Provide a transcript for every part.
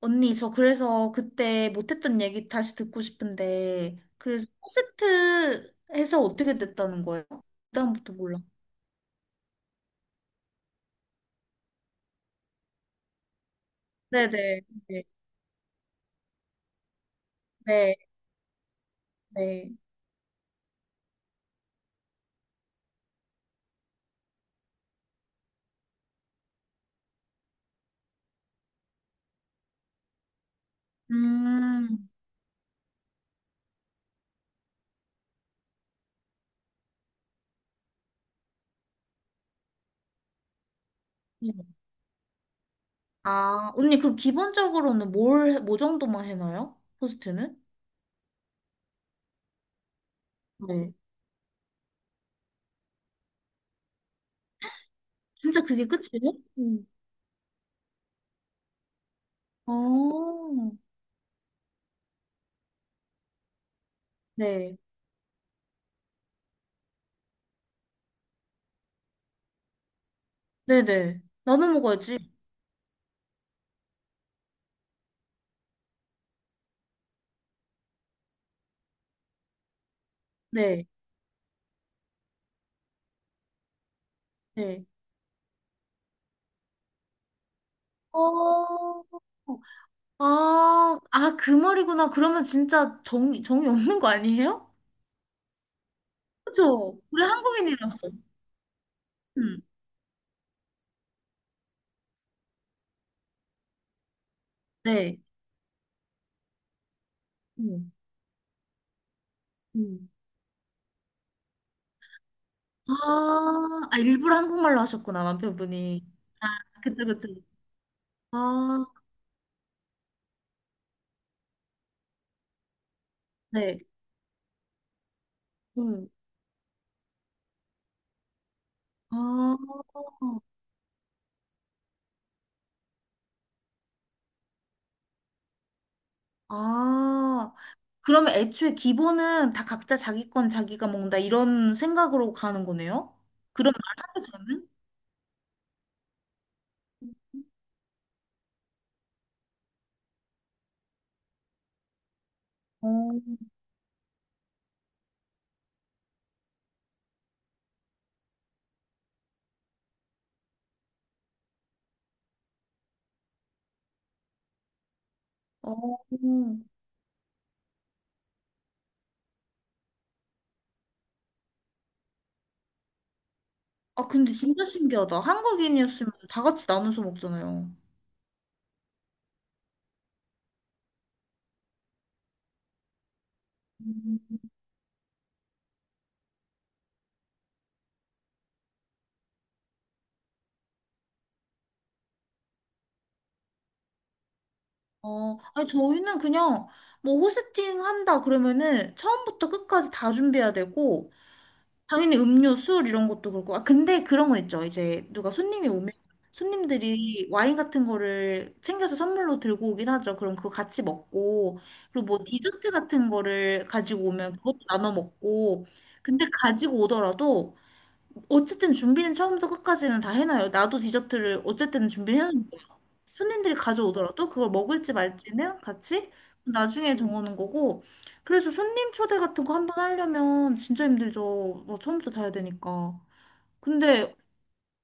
언니, 저 그래서 그때 못했던 얘기 다시 듣고 싶은데, 그래서 포스트 해서 어떻게 됐다는 거예요? 그다음부터 몰라. 네네, 네, 네, 네. 음, 아, 언니, 그럼 기본적으로는 뭘, 뭐 정도만 해놔요? 포스트는 네. 진짜 그게 끝이에요? 음. 어, 네, 네네. 나눠 먹어야지. 네, 네. 어, 아, 아, 그 말이구나. 그러면 진짜 정이 없는 거 아니에요? 그죠? 우리 한국인이라서. 음, 네. 음, 음. 아, 아, 일부러 한국말로 하셨구나, 남편분이. 아, 그쵸, 그쵸. 아, 네. 음. 아, 아. 그러면 애초에 기본은 다 각자 자기 건 자기가 먹는다, 이런 생각으로 가는 거네요? 그런 말 하기 전에 어, 어. 아, 근데 진짜 신기하다. 한국인이었으면 다 같이 나눠서 먹잖아요. 음. 어, 아니, 저희는 그냥 뭐 호스팅 한다 그러면은 처음부터 끝까지 다 준비해야 되고, 당연히 음료, 술 이런 것도 그렇고. 아, 근데 그런 거 있죠. 이제 누가 손님이 오면 손님들이 와인 같은 거를 챙겨서 선물로 들고 오긴 하죠. 그럼 그거 같이 먹고, 그리고 뭐 디저트 같은 거를 가지고 오면 그것도 나눠 먹고, 근데 가지고 오더라도 어쨌든 준비는 처음부터 끝까지는 다 해놔요. 나도 디저트를 어쨌든 준비를 해놓는 거예요. 손님들이 가져오더라도 그걸 먹을지 말지는 같이 나중에 정하는 거고. 그래서 손님 초대 같은 거 한번 하려면 진짜 힘들죠. 뭐 처음부터 다 해야 되니까. 근데,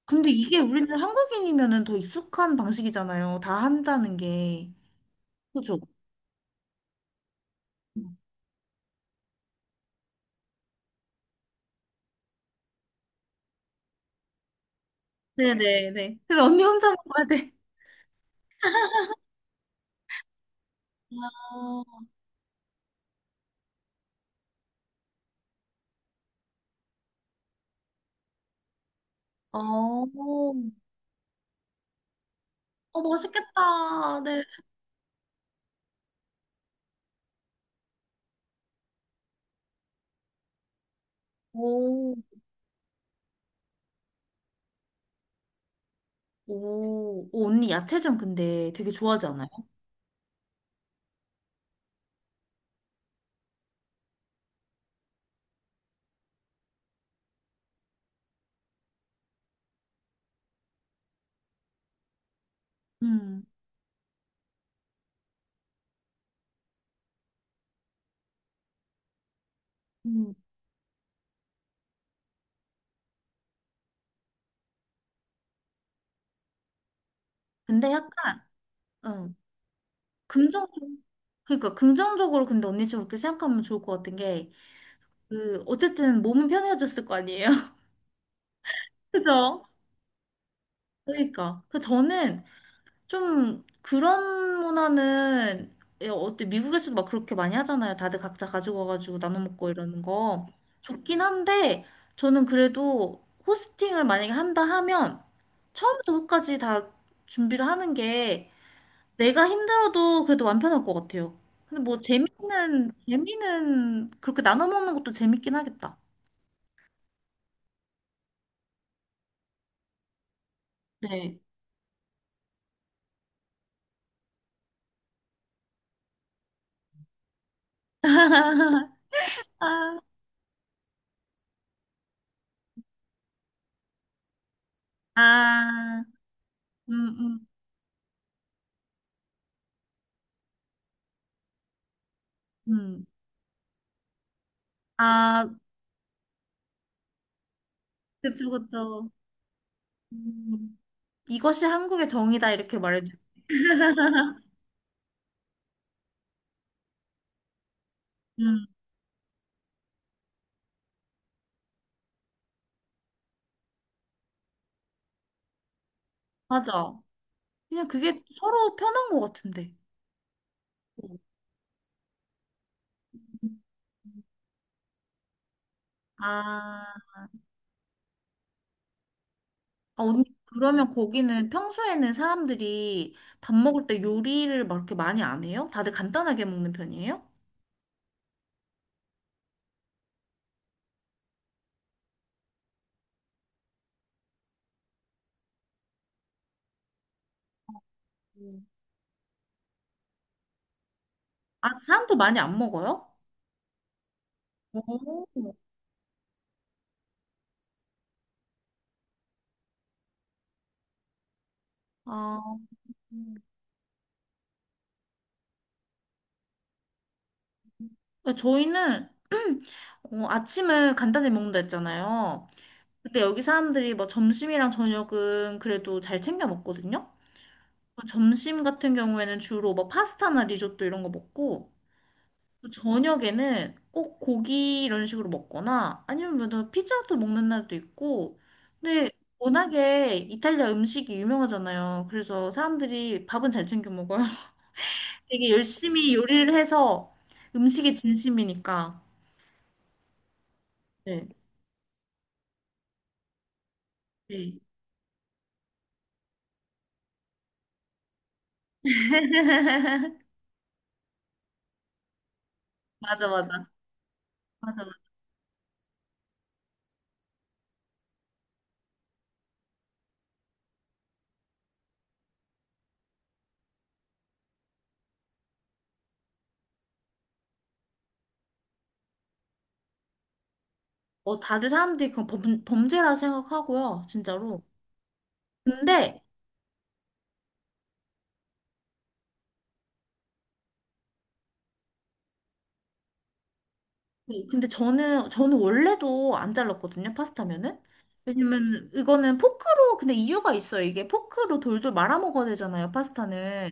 근데 이게 우리는 한국인이면은 더 익숙한 방식이잖아요. 다 한다는 게. 그죠? 네네네. 근데 언니 혼자 먹어야 돼. 아, 아, 어, 어, 맛있겠다. 네. 오. 오, 오, 언니 야채전 근데 되게 좋아하지 않아요? 음. 음. 근데 약간, 어, 긍정적, 그러니까 긍정적으로 근데 언니처럼 그렇게 생각하면 좋을 것 같은 게, 어쨌든 몸은 편해졌을 거 아니에요? 그죠? 그러니까. 저는 좀 그런 문화는, 예, 어때, 미국에서도 막 그렇게 많이 하잖아요. 다들 각자 가지고 와가지고 나눠 먹고 이러는 거. 좋긴 한데, 저는 그래도 호스팅을 만약에 한다 하면, 처음부터 끝까지 다 준비를 하는 게 내가 힘들어도 그래도 완편할 것 같아요. 근데 뭐 재미는 그렇게 나눠 먹는 것도 재밌긴 하겠다. 네. 아, 아, 음, 음, 음. 아, 그쵸, 그쵸. 음, 이것이 한국의 정이다 이렇게 말해줘. 음, 맞아. 그냥 그게 서로 편한 것 같은데. 음. 음. 아. 아, 언니, 그러면 거기는 평소에는 사람들이 밥 먹을 때 요리를 막 이렇게 많이 안 해요? 다들 간단하게 먹는 편이에요? 음. 아, 사람도 많이 안 먹어요? 오. 아, 음. 저희는 아침은 간단히 먹는다 했잖아요. 근데 여기 사람들이 뭐 점심이랑 저녁은 그래도 잘 챙겨 먹거든요. 점심 같은 경우에는 주로 뭐 파스타나 리조또 이런 거 먹고 또 저녁에는 꼭 고기 이런 식으로 먹거나 아니면 뭐 피자도 먹는 날도 있고 근데 워낙에 이탈리아 음식이 유명하잖아요. 그래서 사람들이 밥은 잘 챙겨 먹어요. 되게 열심히 요리를 해서 음식에 진심이니까. 네. 네. 맞아, 맞아. 맞아. 맞아. 어, 다들 사람들이 그건 범죄라 생각하고요, 진짜로. 근데 네, 근데 저는 원래도 안 잘랐거든요, 파스타면은. 왜냐면 이거는 포크로, 근데 이유가 있어요. 이게 포크로 돌돌 말아 먹어야 되잖아요, 파스타는.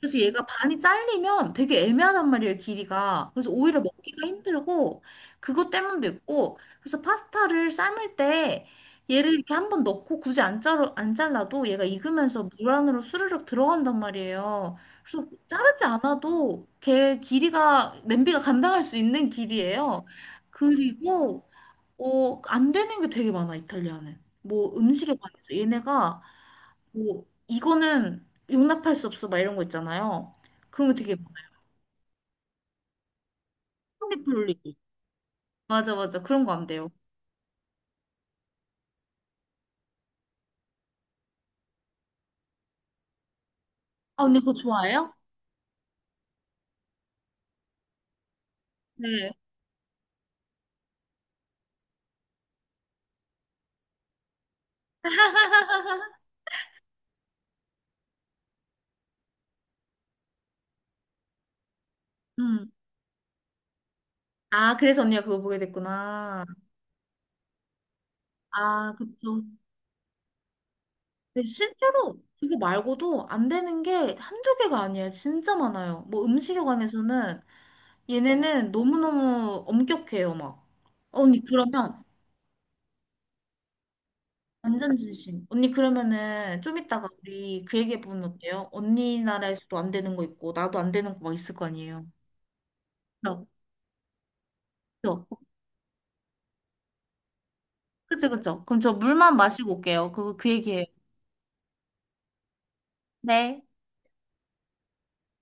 그래서 얘가 반이 잘리면 되게 애매하단 말이에요, 길이가. 그래서 오히려 먹기가 힘들고 그것 때문도 있고. 그래서 파스타를 삶을 때 얘를 이렇게 한번 넣고 굳이 안 잘라도 얘가 익으면서 물 안으로 스르륵 들어간단 말이에요. 그래서 자르지 않아도 개 길이가 냄비가 감당할 수 있는 길이에요. 그리고 안 되는 게 되게 많아, 이탈리아는. 뭐 음식에 관해서 얘네가 뭐 이거는 용납할 수 없어, 막 이런 거 있잖아요. 그런 거 되게 많아요. 파인플 올리기. 맞아 맞아, 그런 거 안 돼요. 아, 언니, 그거 좋아해요? 네. 음. 아, 그래서 언니가 그거 보게 됐구나. 아, 그쵸. 근데 실제로 이거 말고도 안 되는 게 한두 개가 아니에요. 진짜 많아요. 뭐 음식에 관해서는 얘네는 너무너무 엄격해요, 막. 언니, 그러면 완전 진심. 언니, 그러면은 좀 이따가 우리 그 얘기해 보면 어때요? 언니 나라에서도 안 되는 거 있고, 나도 안 되는 거 막 있을 거 아니에요. 그죠? 그죠? 그죠? 그죠? 그럼 저 물만 마시고 올게요. 그 얘기해요. 네.